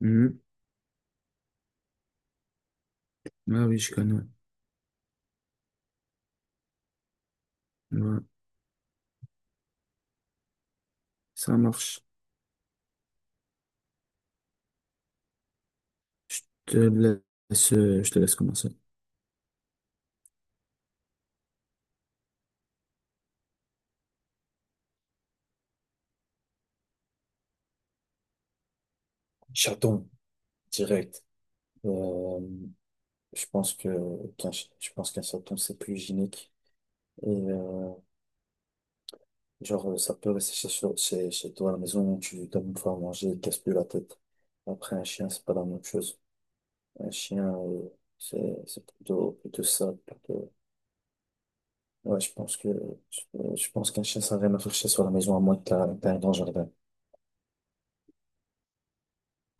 Mhm. Ah oui, je connais. Ouais. Ça marche. Je te je te laisse commencer. Chaton, direct. Euh, je pense que je pense qu'un chaton, c'est plus hygiénique. Et genre, ça peut rester chez toi à la maison, tu lui donnes une fois à manger, il casse plus la tête. Après, un chien, c'est pas la même chose. Un chien, c'est plutôt, plutôt sale. Ouais, je pense qu'un chien, ça n'a rien à faire chez soi à la maison, à moins que t'as un grand jardin.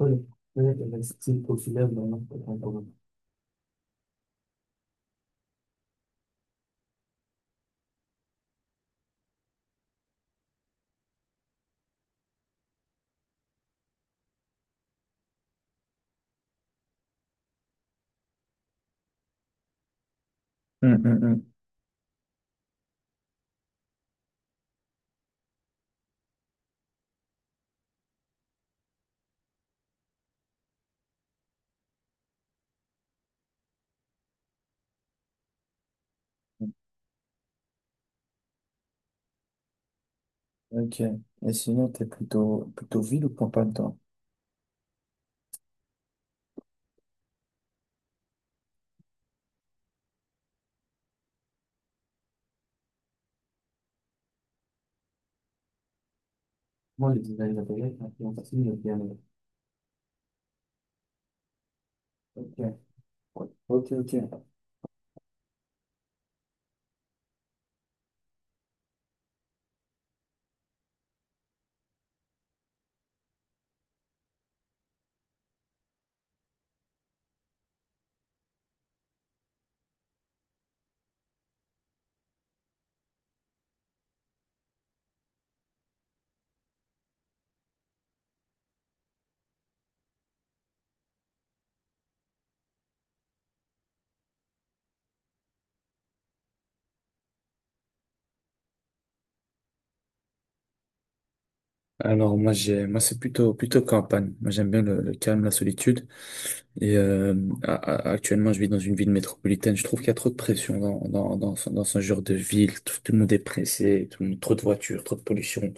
Oui, oui, le style populaire dans notre contemporain. Hum, hum, hum. Ok. Et sinon, t'es plutôt ville ou campagne, toi? Moi, le design d'intérieur influence aussi le bien. Ok, ouais. Ok, ok. Alors moi c'est plutôt campagne. Moi j'aime bien le calme, la solitude. Et actuellement je vis dans une ville métropolitaine. Je trouve qu'il y a trop de pression dans ce genre de ville. Tout le monde est pressé, trop de voitures, trop de pollution.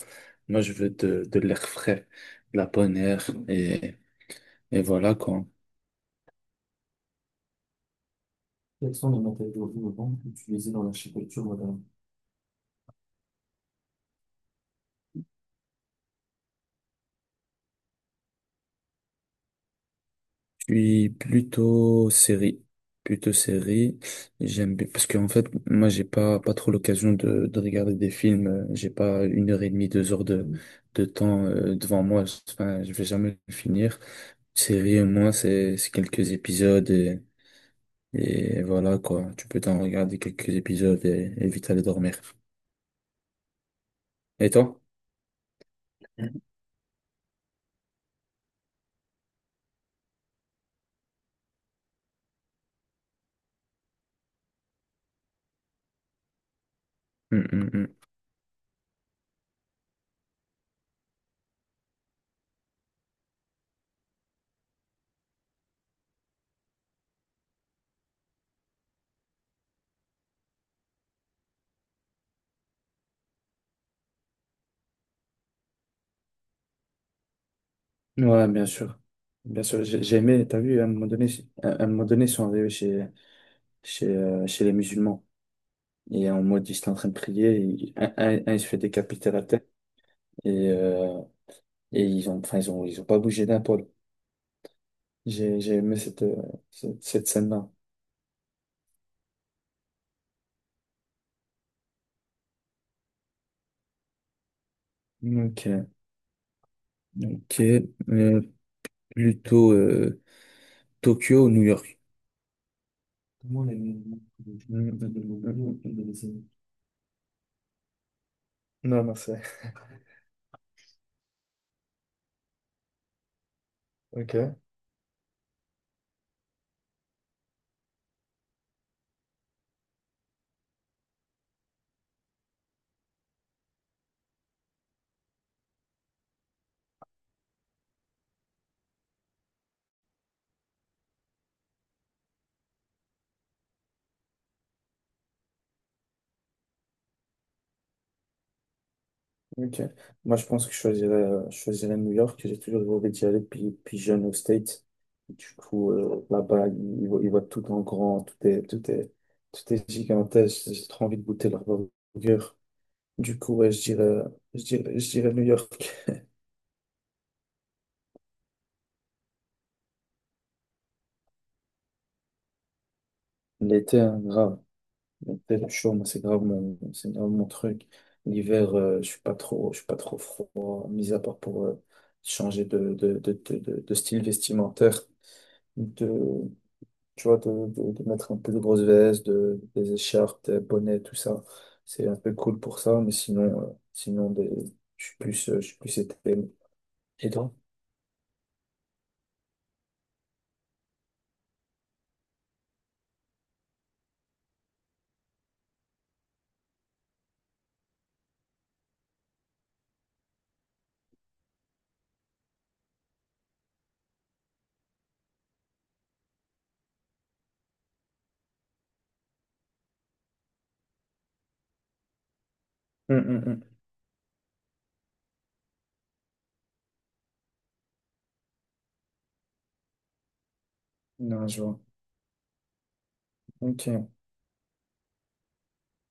Moi je veux de l'air frais, de la bonne air. Et voilà quoi. Quels sont les matériaux innovants utilisés dans l'architecture moderne? Je suis plutôt série. Plutôt série. J'aime bien, parce qu'en fait, moi, j'ai pas trop l'occasion de regarder des films. J'ai pas une heure et demie, 2 heures de temps devant moi. Enfin, je vais jamais le finir. Série, au moins, c'est quelques épisodes et voilà, quoi. Tu peux t'en regarder quelques épisodes et vite aller dormir. Et toi? Mm, mm, mm. Ouais, bien sûr. Bien sûr, j'ai aimé, t'as vu, à un moment donné, ils sont arrivés chez les musulmans. Et en mode, ils étaient en train de prier. Et un, il se fait décapiter la tête. Et, euh, et enfin, ils ont pas bougé d'un poil. J'ai aimé cette scène-là. Ok, ok. Euh, plutôt, Tokyo ou New York? Comment? Mm, mm, mm, mm, mm. Non, non, c'est. Ok. Ok. Moi, je pense que je choisirais New York. J'ai toujours rêvé d'y aller depuis jeune aux States. Du coup, là-bas, ils voient tout en grand, tout est gigantesque. J'ai trop envie de goûter leur burger. Du coup, ouais, je dirais New York. L'été, hein, grave. L'été, le chaud, moi, c'est grave mon truc. L'hiver, je suis pas trop froid, mis à part pour changer de style vestimentaire. Tu vois, de mettre un peu de grosses vestes, des écharpes, des bonnets, tout ça. C'est un peu cool pour ça, mais sinon, je suis plus été. Et toi? Hum, hum, hum. Non, je vois. Ok,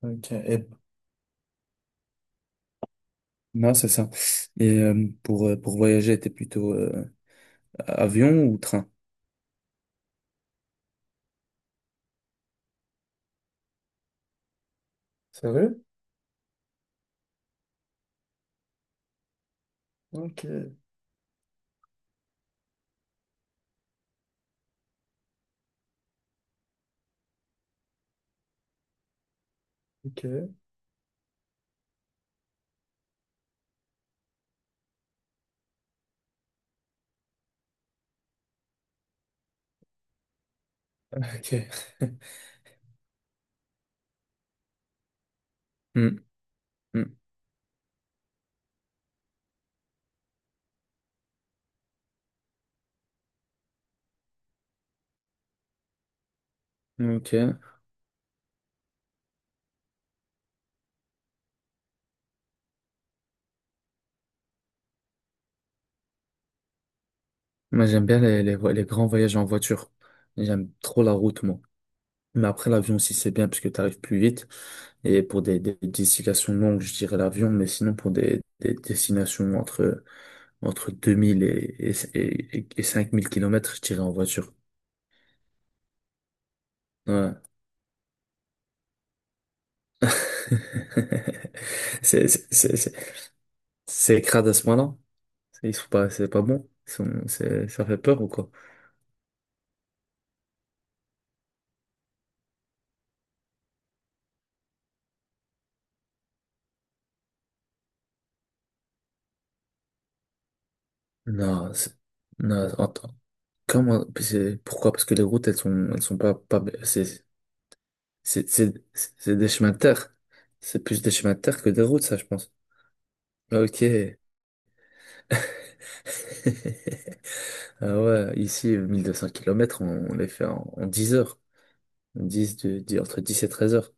ok. Non, c'est ça. Et pour voyager, t'es plutôt avion ou train? Sérieux? Ok, ok, ok. Hmm, hmm, ok. Moi, j'aime bien les grands voyages en voiture. J'aime trop la route, moi. Mais après, l'avion aussi, c'est bien parce que tu arrives plus vite. Et pour des destinations longues, je dirais l'avion, mais sinon pour des destinations entre 2000 et 5000 kilomètres je dirais en voiture. Ouais. C'est c'est- c'est- c'est- c'est crade à ce point-là. C'est Ils sont pas, c'est pas bon. Ça fait peur ou quoi? Non, non, attends. Comment, pourquoi? Parce que les routes, elles sont pas. C'est des chemins de terre. C'est plus des chemins de terre que des routes, ça, je pense. Ok. Ah ouais, ici, 1200 km, on les fait en 10 heures. Entre 10 et 13 heures.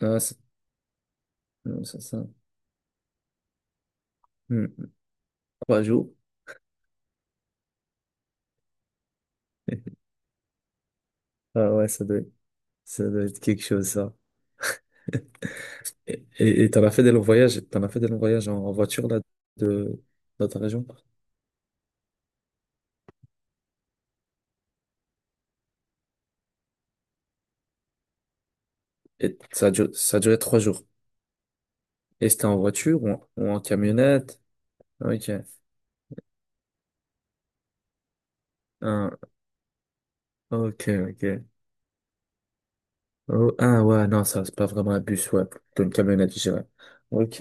Ah, c'est non, c'est ça. Hmm. 3 jours. Ah ouais, ça doit être quelque chose, ça. Et t'en as fait des longs voyages en voiture, là, de, dans ta région? Et ça a duré 3 jours. Et c'était en voiture ou en camionnette? Ok. Ah, ok, ok. Oh, ah ouais, non, ça, c'est pas vraiment un bus, ouais, plutôt une camionnette, je dirais. Ok.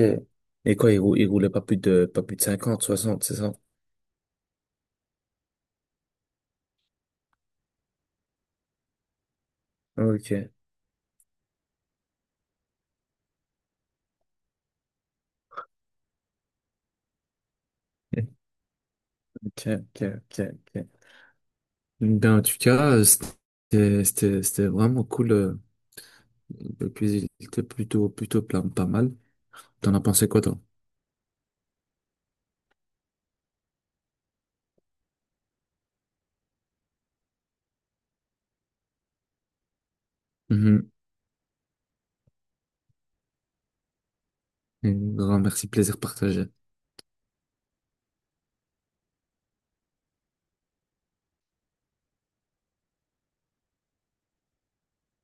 Et quoi, il roulait pas plus de 50 60 c'est ça? Ok. Ok, ok, ok, ok. Ben, en tout cas, c'était vraiment cool. Et puis, il était plutôt plein, pas mal. T'en as pensé quoi, toi? Mhm. Un grand merci, plaisir partagé.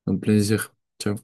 Au plaisir. Ciao.